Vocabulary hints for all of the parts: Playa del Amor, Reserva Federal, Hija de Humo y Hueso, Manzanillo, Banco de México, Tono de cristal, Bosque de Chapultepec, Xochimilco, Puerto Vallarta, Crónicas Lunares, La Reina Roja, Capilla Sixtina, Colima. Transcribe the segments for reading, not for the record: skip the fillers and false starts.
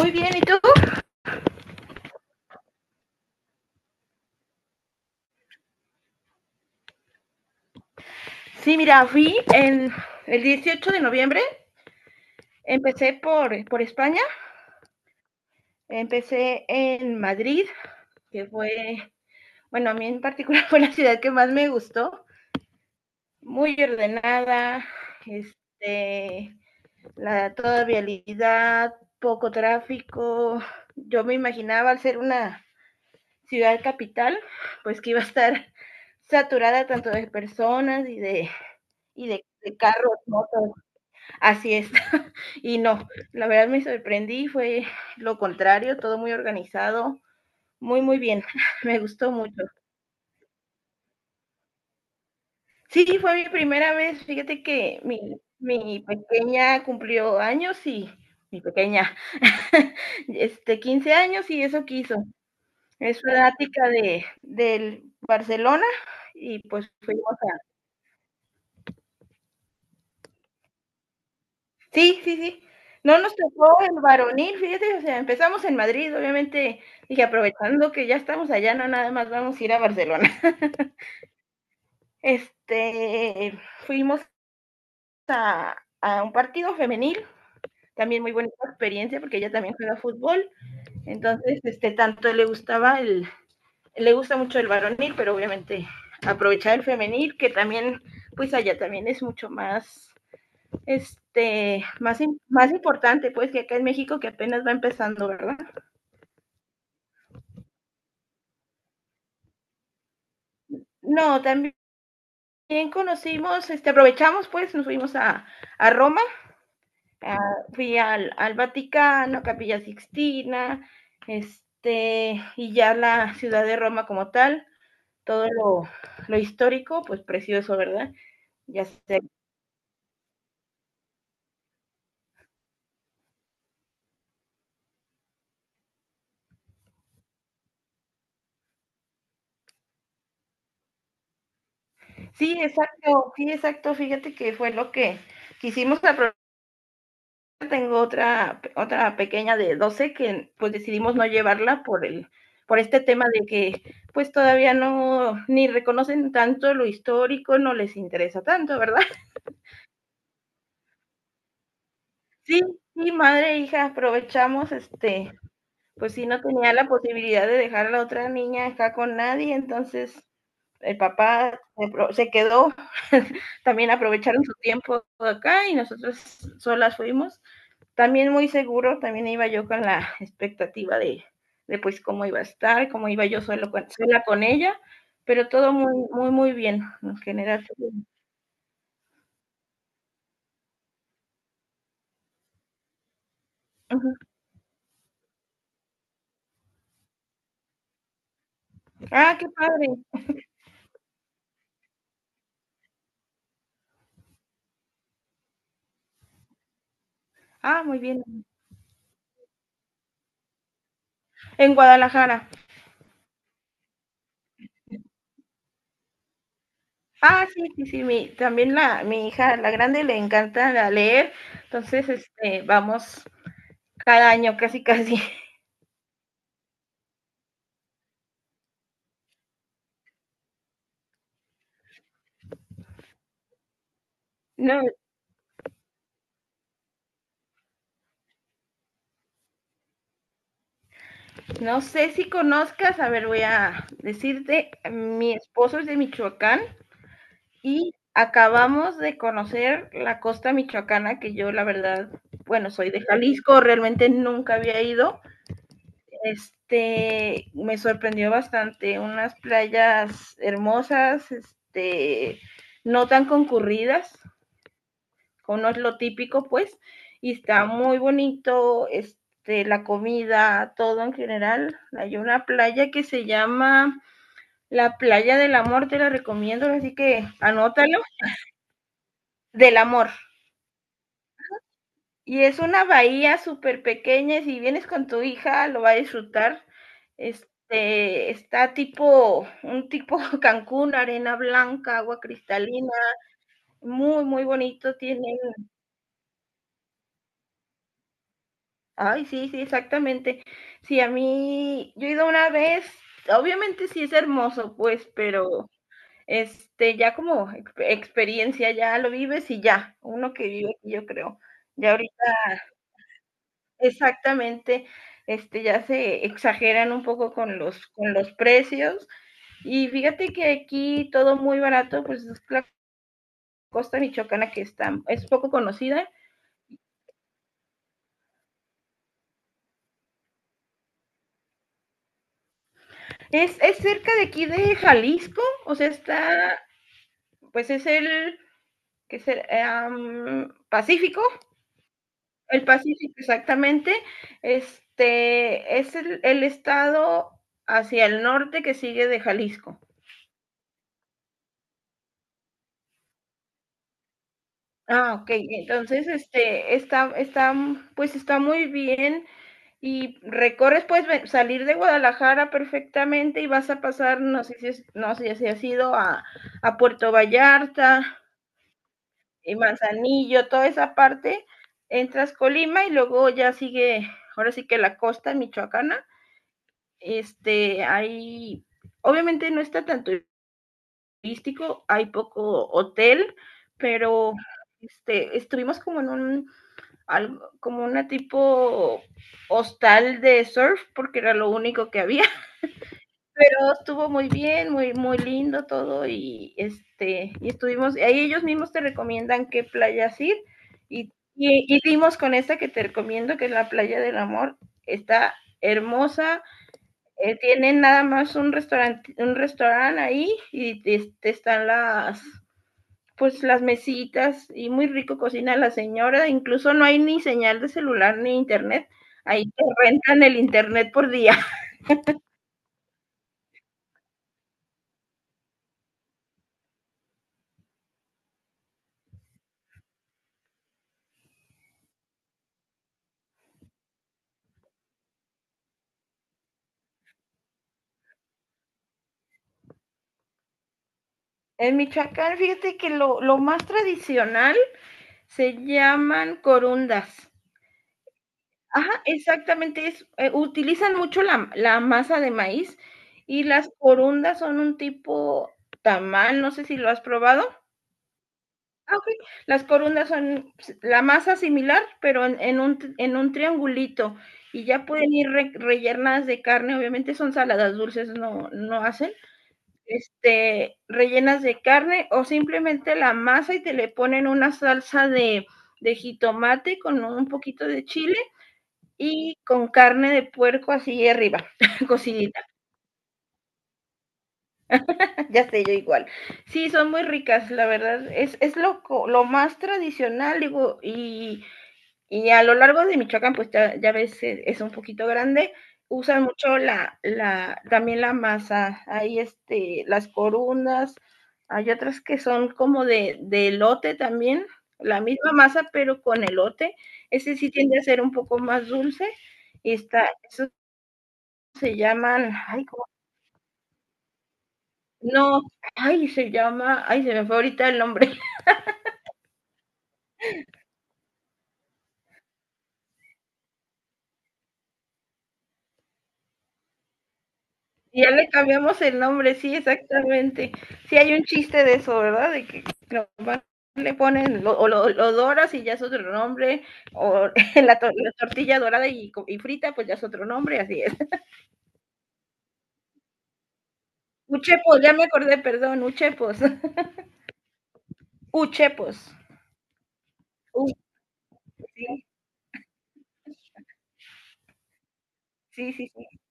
Muy bien, ¿y tú? Sí, mira, fui en el 18 de noviembre. Empecé por España, empecé en Madrid, que fue, bueno, a mí en particular fue la ciudad que más me gustó, muy ordenada, este, toda vialidad, poco tráfico. Yo me imaginaba al ser una ciudad capital, pues que iba a estar saturada tanto de personas y de carros, motos. Así es. Y no, la verdad me sorprendí, fue lo contrario, todo muy organizado, muy, muy bien, me gustó mucho. Sí, fue mi primera vez, fíjate que mi pequeña cumplió años y mi pequeña, 15 años y eso quiso. Es fanática del Barcelona y pues fuimos a... Sí, sí, sí. No nos tocó el varonil, fíjate, o sea, empezamos en Madrid, obviamente dije, aprovechando que ya estamos allá, no nada más vamos a ir a Barcelona. Este, Fuimos a un partido femenil, también muy buena experiencia porque ella también juega fútbol, entonces tanto le gustaba el le gusta mucho el varonil, pero obviamente aprovechar el femenil que también pues allá también es mucho más este más más importante pues que acá en México que apenas va empezando, ¿verdad? No, también conocimos, aprovechamos pues nos fuimos a Roma. Ah, fui al Vaticano, Capilla Sixtina, y ya la ciudad de Roma como tal, todo lo histórico, pues precioso, ¿verdad? Ya sé. Sí, exacto, sí, exacto. Fíjate que fue lo que quisimos aprovechar. Tengo otra pequeña de 12 que pues decidimos no llevarla por por este tema de que pues todavía no, ni reconocen tanto lo histórico, no les interesa tanto, ¿verdad? Sí, sí, madre e hija, aprovechamos, pues sí, no tenía la posibilidad de dejar a la otra niña acá con nadie, entonces el papá se quedó, también aprovecharon su tiempo acá y nosotros solas fuimos. También muy seguro, también iba yo con la expectativa de pues cómo iba a estar, cómo iba yo sola con ella, pero todo muy, muy, muy bien en general. Ujú. Ah, qué padre. Ah, muy bien. En Guadalajara. Ah, sí, sí, sí, mi hija, la grande, le encanta la leer, entonces, vamos cada año casi, casi. No, no sé si conozcas, a ver, voy a decirte, mi esposo es de Michoacán y acabamos de conocer la costa michoacana, que yo la verdad, bueno, soy de Jalisco, realmente nunca había ido. Me sorprendió bastante, unas playas hermosas, no tan concurridas, como no es lo típico, pues, y está muy bonito, la comida, todo en general. Hay una playa que se llama la Playa del Amor, te la recomiendo, así que anótalo, del amor. Y es una bahía súper pequeña, y si vienes con tu hija lo va a disfrutar. Está tipo, un tipo Cancún, arena blanca, agua cristalina, muy, muy bonito, tienen... Ay, sí, sí, exactamente. Sí, a mí, yo he ido una vez, obviamente sí es hermoso, pues, pero ya como experiencia, ya lo vives y ya, uno que vive aquí, yo creo. Ya ahorita, exactamente, ya se exageran un poco con los precios. Y fíjate que aquí todo muy barato, pues es la costa michoacana que está, es poco conocida. Es cerca de aquí de Jalisco, o sea, está, pues es el que será Pacífico, el Pacífico exactamente, este es estado hacia el norte que sigue de Jalisco. Ah, ok, entonces pues está muy bien y recorres, puedes salir de Guadalajara perfectamente y vas a pasar, no sé si has ido a Puerto Vallarta, Manzanillo, toda esa parte, entras Colima y luego ya sigue, ahora sí que la costa michoacana, hay, obviamente no está tan turístico, hay poco hotel, pero estuvimos como en un, algo, como una tipo hostal de surf, porque era lo único que había, pero estuvo muy bien, muy, muy lindo todo y estuvimos, ahí ellos mismos te recomiendan qué playas ir y dimos con esta que te recomiendo, que es la playa del amor, está hermosa, tienen nada más un restaurante ahí y están las pues las mesitas y muy rico cocina la señora, incluso no hay ni señal de celular ni internet, ahí te rentan el internet por día. En Michoacán, fíjate que lo más tradicional se llaman corundas. Ajá, exactamente, utilizan mucho la masa de maíz y las corundas son un tipo tamal, no sé si lo has probado. Ah, ok. Las corundas son la masa similar, pero en un triangulito y ya pueden ir rellenas de carne, obviamente son saladas dulces, no, no hacen. Rellenas de carne o simplemente la masa y te le ponen una salsa de jitomate con un poquito de chile y con carne de puerco así arriba, cocinita, ya sé yo igual. Sí, son muy ricas, la verdad, es lo más tradicional, digo, y a lo largo de Michoacán, pues ya, ya ves, es un poquito grande. Usan mucho también la masa. Hay las corundas, hay otras que son como de elote también, la misma masa, pero con elote. Ese sí tiende a ser un poco más dulce. Eso se llaman, ay, ¿cómo? No, ay, se llama, ay, se me fue ahorita el nombre. Ya le cambiamos el nombre, sí, exactamente. Sí hay un chiste de eso, ¿verdad? De que nomás le ponen, lo doras y ya es otro nombre, o la tortilla dorada y frita, pues ya es otro nombre, así es. Uchepos, ya me acordé, perdón, uchepos. Uchepos. U- sí, sí, sí, sí.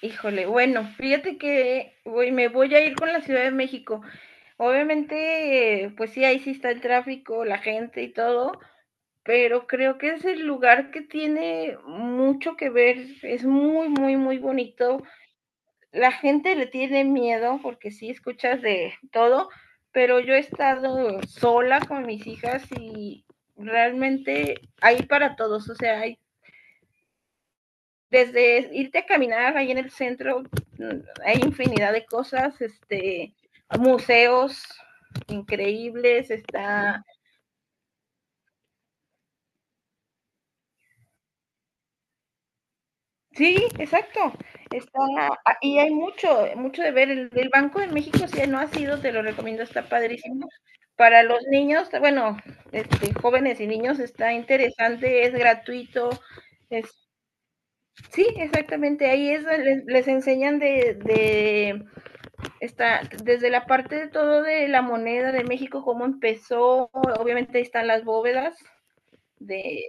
Híjole, bueno, fíjate que me voy a ir con la Ciudad de México. Obviamente, pues sí, ahí sí está el tráfico, la gente y todo, pero creo que es el lugar que tiene mucho que ver, es muy, muy, muy bonito. La gente le tiene miedo porque sí escuchas de todo, pero yo he estado sola con mis hijas y realmente hay para todos, o sea, hay desde irte a caminar ahí en el centro, hay infinidad de cosas, museos increíbles, está Sí, exacto. Está, ah, y hay mucho, mucho de ver. El Banco de México, si no has ido, te lo recomiendo, está padrísimo. Para los niños, bueno, jóvenes y niños está interesante, es gratuito. Es, sí, exactamente, ahí es, donde les enseñan desde la parte de todo de la moneda de México, cómo empezó, obviamente ahí están las bóvedas de,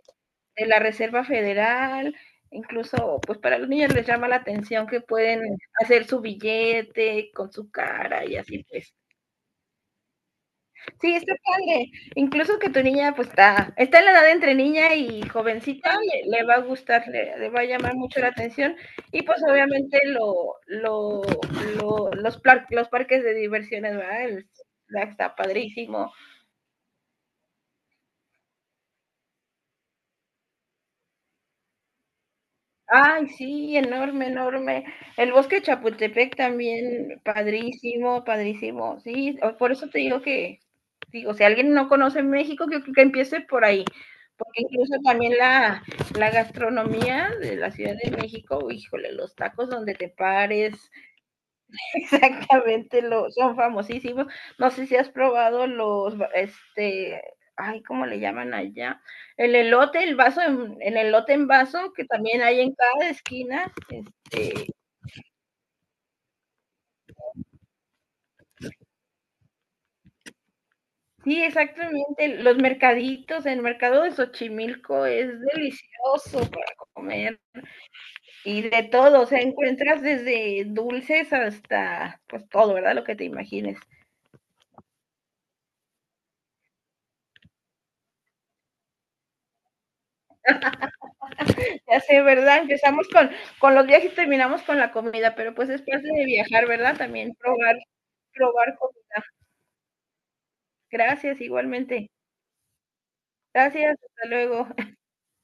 de la Reserva Federal, incluso pues para los niños les llama la atención que pueden hacer su billete con su cara y así pues. Sí, está padre. Incluso que tu niña pues está en la edad entre niña y jovencita, le va a gustar, va a llamar mucho la atención y pues obviamente lo los, los parques de diversiones, ¿verdad? Está padrísimo. Ay, sí, enorme, enorme. El bosque de Chapultepec también, padrísimo, padrísimo. Sí, por eso te digo que, sí, o sea alguien no conoce México, que empiece por ahí, porque incluso también la gastronomía de la Ciudad de México, híjole, los tacos donde te pares, exactamente, son famosísimos. No sé si has probado los, ay, ¿cómo le llaman allá? El elote, el elote en vaso, que también hay en cada esquina. Sí, exactamente, los mercaditos, el mercado de Xochimilco es delicioso para comer y de todo, o sea, encuentras desde dulces hasta, pues todo, ¿verdad? Lo que te imagines. Ya sé, ¿verdad? Empezamos con los viajes y terminamos con la comida, pero pues es parte de viajar, ¿verdad? También probar, probar comida. Gracias, igualmente. Gracias, hasta luego.